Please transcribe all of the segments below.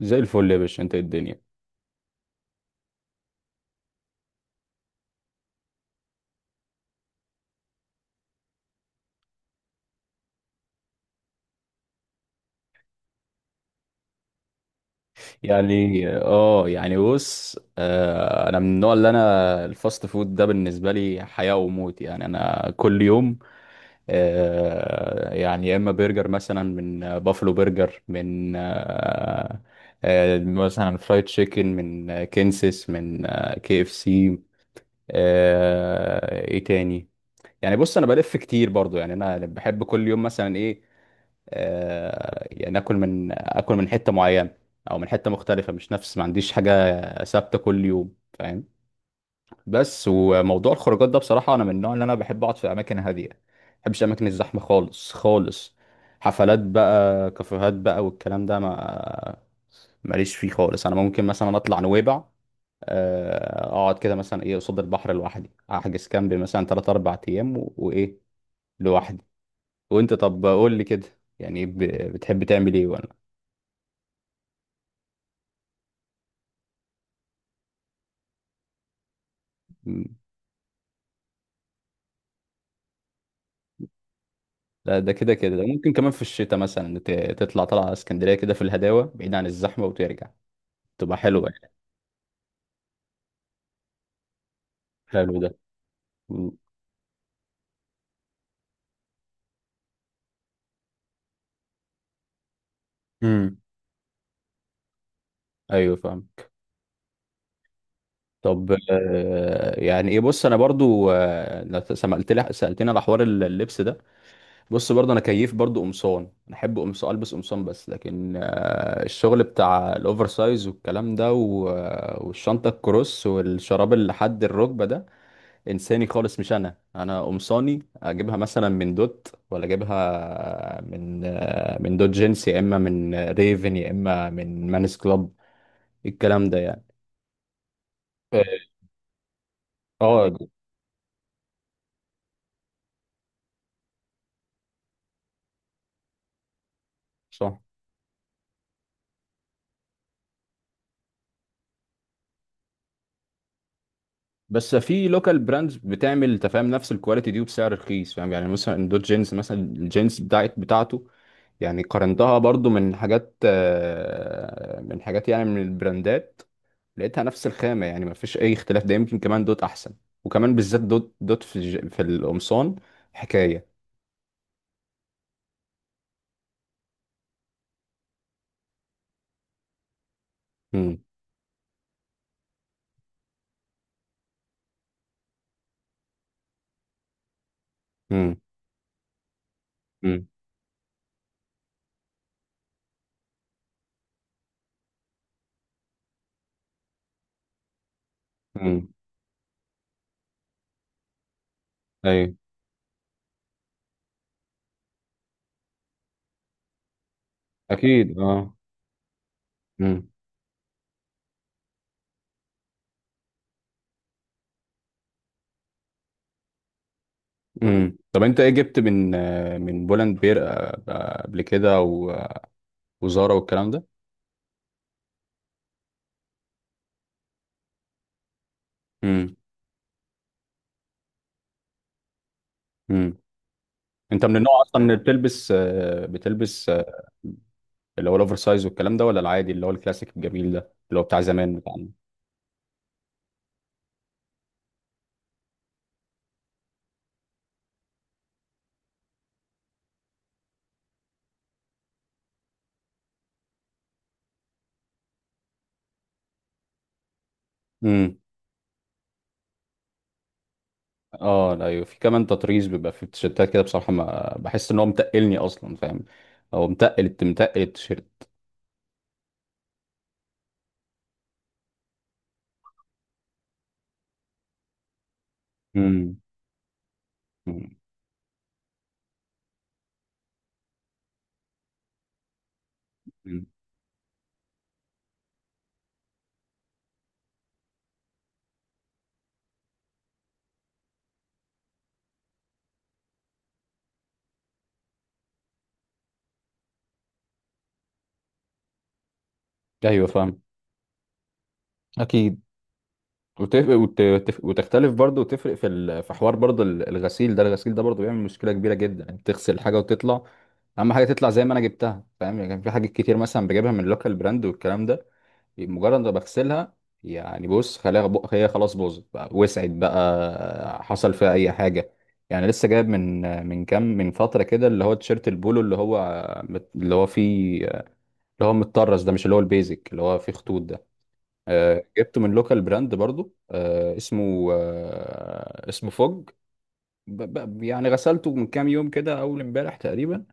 زي الفل يا باشا، انت ايه الدنيا؟ يعني اه يعني بص آه انا من النوع اللي الفاست فود ده بالنسبه لي حياه وموت، يعني انا كل يوم يا اما برجر مثلا من بافلو برجر، من آه آه مثلا فرايد تشيكن من كنسس، كي اف سي. ايه تاني؟ يعني بص انا بلف كتير برضو، يعني انا بحب كل يوم مثلا ايه آه، يعني اكل من حته معينه او من حته مختلفه، مش نفس ما عنديش حاجه ثابته كل يوم، فاهم؟ بس وموضوع الخروجات ده بصراحه انا من النوع اللي بحب اقعد في اماكن هاديه، ما بحبش اماكن الزحمه خالص خالص. حفلات بقى، كافيهات بقى والكلام ده، ما ماليش فيه خالص. انا ممكن مثلا اطلع نويبع، اقعد كده مثلا قصاد البحر لوحدي، احجز كامب مثلا 3 4 ايام، لوحدي. وانت طب قول لي كده، يعني بتحب تعمل ايه؟ مم. لا ده كده كده ده ممكن كمان في الشتاء مثلا تطلع طلعة على اسكندرية كده، في الهداوة بعيد عن الزحمة وترجع، تبقى حلوة يعني. حلو ده. مم. امم ايوه فاهم. طب آه، يعني ايه بص انا برضو، لو سمعت لي، سالتني على حوار اللبس ده. بص برضو انا كيف برضو قمصان، انا احب قمصان، البس قمصان بس، لكن الشغل بتاع الاوفر سايز والكلام ده والشنطه الكروس والشراب اللي لحد الركبه ده، انساني خالص. مش انا. قمصاني اجيبها مثلا من دوت ولا اجيبها من دوت جينز، يا اما من ريفن، يا اما من مانس كلاب، الكلام ده يعني. اه. صح. بس في لوكال براندز بتعمل، تفهم، نفس الكواليتي دي وبسعر رخيص، فاهم؟ يعني مثلا دوت جينز مثلا الجينز بتاعته، يعني قارنتها برضو من حاجات، من حاجات يعني من البراندات، لقيتها نفس الخامة، يعني مفيش أي اختلاف. ده يمكن كمان دوت أحسن، وكمان بالذات دوت في في القمصان حكاية. امم امم امم امم أيوة. أكيد أه. امم طب أنت إيه جبت من من بولاند بير قبل كده وزارا والكلام ده؟ امم امم أنت من النوع أصلا اللي بتلبس، اللي هو الأوفر سايز والكلام ده، ولا العادي اللي هو الكلاسيك الجميل ده اللي هو بتاع زمان بتاعنا؟ اه لا، ايوه في كمان تطريز بيبقى في التيشيرتات كده، بصراحه ما بحس ان هو متقلني اصلا فاهم. هو متقل متقل التيشيرت. امم أمم، أمم. ايوه فاهم. اكيد. وتختلف برضه، وتفرق في في حوار برضه الغسيل ده، الغسيل ده برضه بيعمل مشكله كبيره جدا. انت تغسل حاجه وتطلع، اهم حاجه تطلع زي ما انا جبتها، فاهم؟ يعني كان في حاجات كتير مثلا بجيبها من لوكال براند والكلام ده، مجرد ما بغسلها، يعني بص هي خلاص باظت بقى، وسعت بقى، حصل فيها اي حاجه. يعني لسه جايب من كام، من فتره كده، اللي هو تيشيرت البولو، اللي هو فيه، اللي هو متطرز ده، مش اللي هو البيزك اللي هو فيه خطوط ده. جبته من لوكال براند برضو، اسمه اسمه فوج. ب- غسلته من كام يوم كده، اول امبارح تقريبا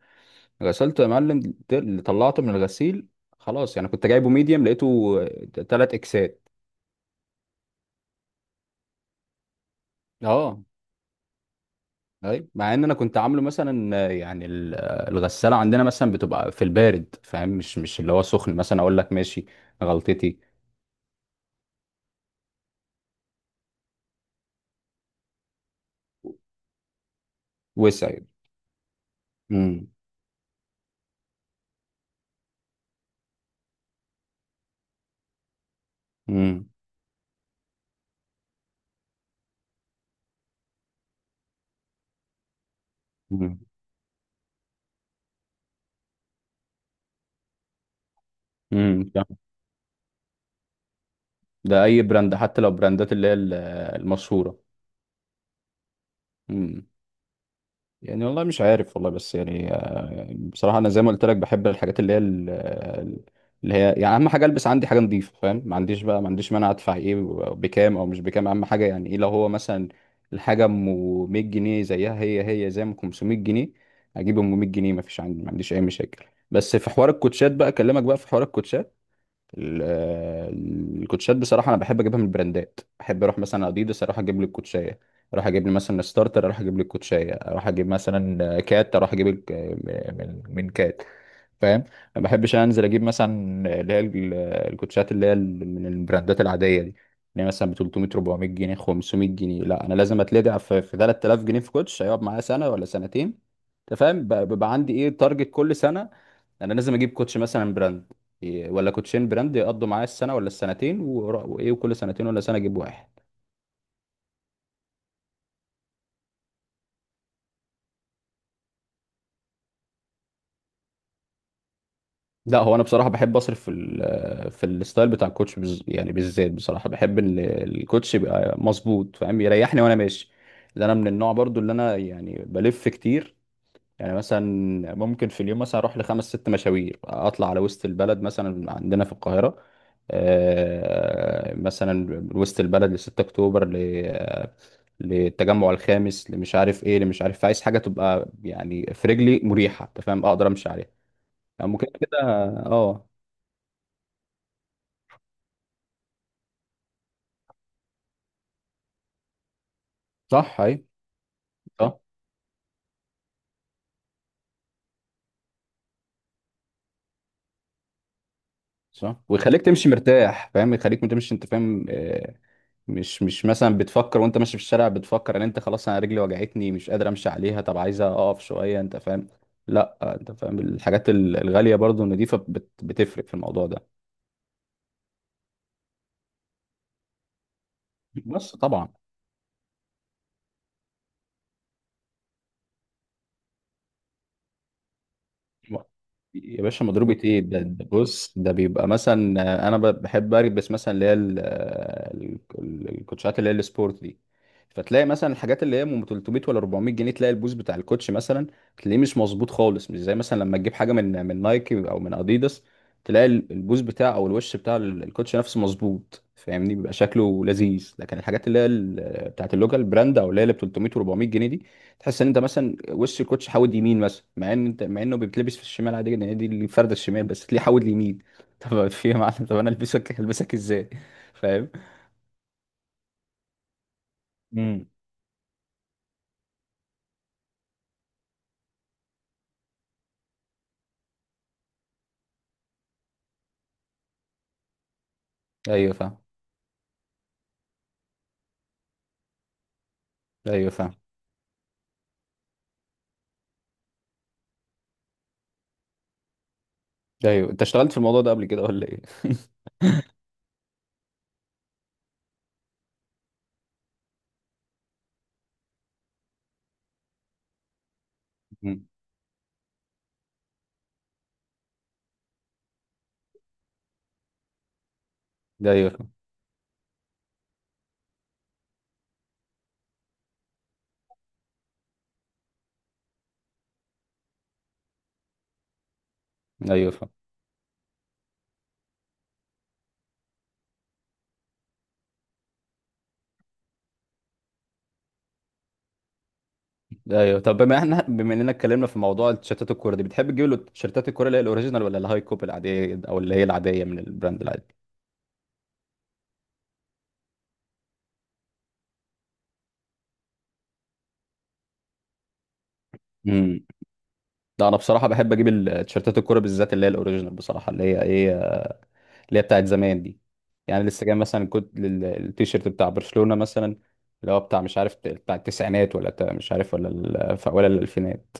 غسلته يا معلم. طلعته من الغسيل، خلاص. يعني كنت جايبه ميديم، لقيته تلات اكسات. اه. ايوه مع ان انا كنت عامله مثلا، الغساله عندنا مثلا بتبقى في البارد، فاهم؟ مش اللي هو سخن مثلا، اقول لك ماشي، غلطتي. وسع. امم امم امم ده اي براند، حتى لو براندات اللي هي المشهوره. يعني والله مش عارف والله. بس يعني، بصراحة أنا زي ما قلت لك، بحب الحاجات اللي هي اللي هي يعني أهم حاجة، ألبس عندي حاجة نظيفة، فاهم؟ ما عنديش بقى، ما عنديش مانع أدفع إيه، بكام أو مش بكام. أهم حاجة يعني إيه، لو هو مثلا الحاجة أم 100 جنيه زيها هي هي زي ما 500 جنيه، أجيب أم 100 جنيه. ما فيش عندي، ما عنديش أي مشاكل. بس في حوار الكوتشات بقى، أكلمك بقى في حوار الكوتشات. ال- آه، الكوتشات بصراحه انا بحب اجيبها من البراندات. بحب اروح مثلا اديدس اروح اجيب لي الكوتشايه، اروح اجيب لي مثلا ستارتر اروح اجيب لي الكوتشايه، اروح اجيب مثلا كات، اروح اجيب من كات، فاهم؟ ما بحبش انزل اجيب مثلا اللي هي الكوتشات اللي هي من البراندات العاديه دي، اللي هي مثلا ب 300 400 جنيه 500 جنيه، لا. انا لازم اتلدع في 3000 جنيه في كوتش هيقعد معايا سنه ولا سنتين، انت فاهم؟ بيبقى عندي ايه تارجت كل سنه، انا لازم اجيب كوتش مثلا براند، ولا كوتشين براند، يقضوا معايا السنه ولا السنتين، ورا- وايه وكل سنتين ولا سنه اجيب واحد. لا هو انا بصراحه بحب اصرف في في الستايل بتاع الكوتش يعني بالذات، بصراحه بحب ان الكوتش يبقى مظبوط، فاهم؟ يريحني وانا ماشي. لان انا من النوع برضو اللي يعني بلف كتير. يعني مثلا ممكن في اليوم مثلا اروح لخمس ست مشاوير، اطلع على وسط البلد مثلا عندنا في القاهره. مثلا من وسط البلد ل 6 اكتوبر، للتجمع الخامس، اللي مش عارف ايه، اللي مش عارف. عايز حاجه تبقى يعني في رجلي مريحه، انت فاهم؟ اقدر امشي عليها، يعني ممكن كده. اه. صح. صح. صح، ويخليك تمشي مرتاح، فاهم؟ يخليك ما تمشي انت فاهم، مش مثلا بتفكر وانت ماشي في الشارع، بتفكر ان انت خلاص انا رجلي وجعتني مش قادر امشي عليها، طب عايزه اقف شويه، انت فاهم؟ لا انت فاهم الحاجات الغاليه برضو النضيفه بتفرق في الموضوع ده بس طبعا. يا باشا مضروبة ايه ده, ده بص ده بيبقى مثلا، انا بحب البس مثلا اللي هي الكوتشات اللي هي السبورت دي. فتلاقي مثلا الحاجات اللي هي من 300 ولا 400 جنيه، تلاقي البوز بتاع الكوتش مثلا، تلاقيه مش مظبوط خالص، مش زي مثلا لما تجيب حاجة من نايكي او من اديداس، تلاقي البوز بتاع او الوش بتاع الكوتش نفسه مظبوط، فاهمني؟ بيبقى شكله لذيذ. لكن الحاجات اللي هي بتاعت اللوكال براند، او اللي هي اللي ب 300 و400 جنيه، تحس ان انت مثلا وش الكوتش حاود يمين مثلا، مع ان انت، مع انه بيتلبس في الشمال عادي جدا، هي دي الفرده الشمال، بس تلاقيه حاود اليمين. طب في يا معلم، طب انا البسك ازاي؟ فاهم. امم. ايوه فاهم. ايوه فاهم. ايوه انت اشتغلت في الموضوع ده قبل كده ولا ايه؟ مم. ده ايوه فاهم. ايوه فاهم. ده ايوه. طب بما احنا، بما اننا اتكلمنا في موضوع التيشيرتات الكوره دي، بتحب تجيب له تيشيرتات الكوره اللي هي الاوريجينال، ولا الهاي كوب العاديه، او اللي هي العاديه من البراند العادي؟ امم. ده انا بصراحه بحب اجيب التيشيرتات الكوره بالذات اللي هي الاوريجينال، بصراحه اللي هي اللي هي بتاعت زمان دي. يعني لسه جاي مثلا، كنت التيشيرت بتاع برشلونة مثلا، اللي هو بتاع مش عارف، بتاع التسعينات ولا بتاع مش عارف، ولا ولا الألفينات.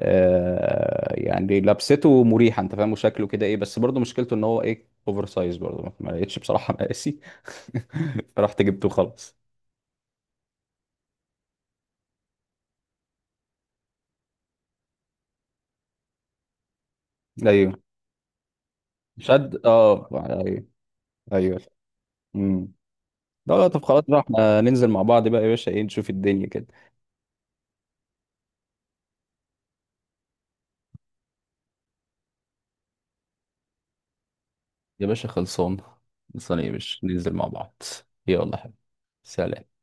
آه يعني لبسته مريحة، انت فاهم؟ وشكله كده بس برضه مشكلته ان هو اوفر سايز برضه، ما لقيتش بصراحة مقاسي. فرحت جبته خلاص. ايوه. شد. اه. ايوه. ايوه. امم. لا لا، طب خلاص بقى احنا ننزل مع بعض بقى يا باشا، ايه نشوف الدنيا كده. يا باشا خلصان. خلصان يا باشا، ننزل مع بعض. يلا حبيبي. سلام.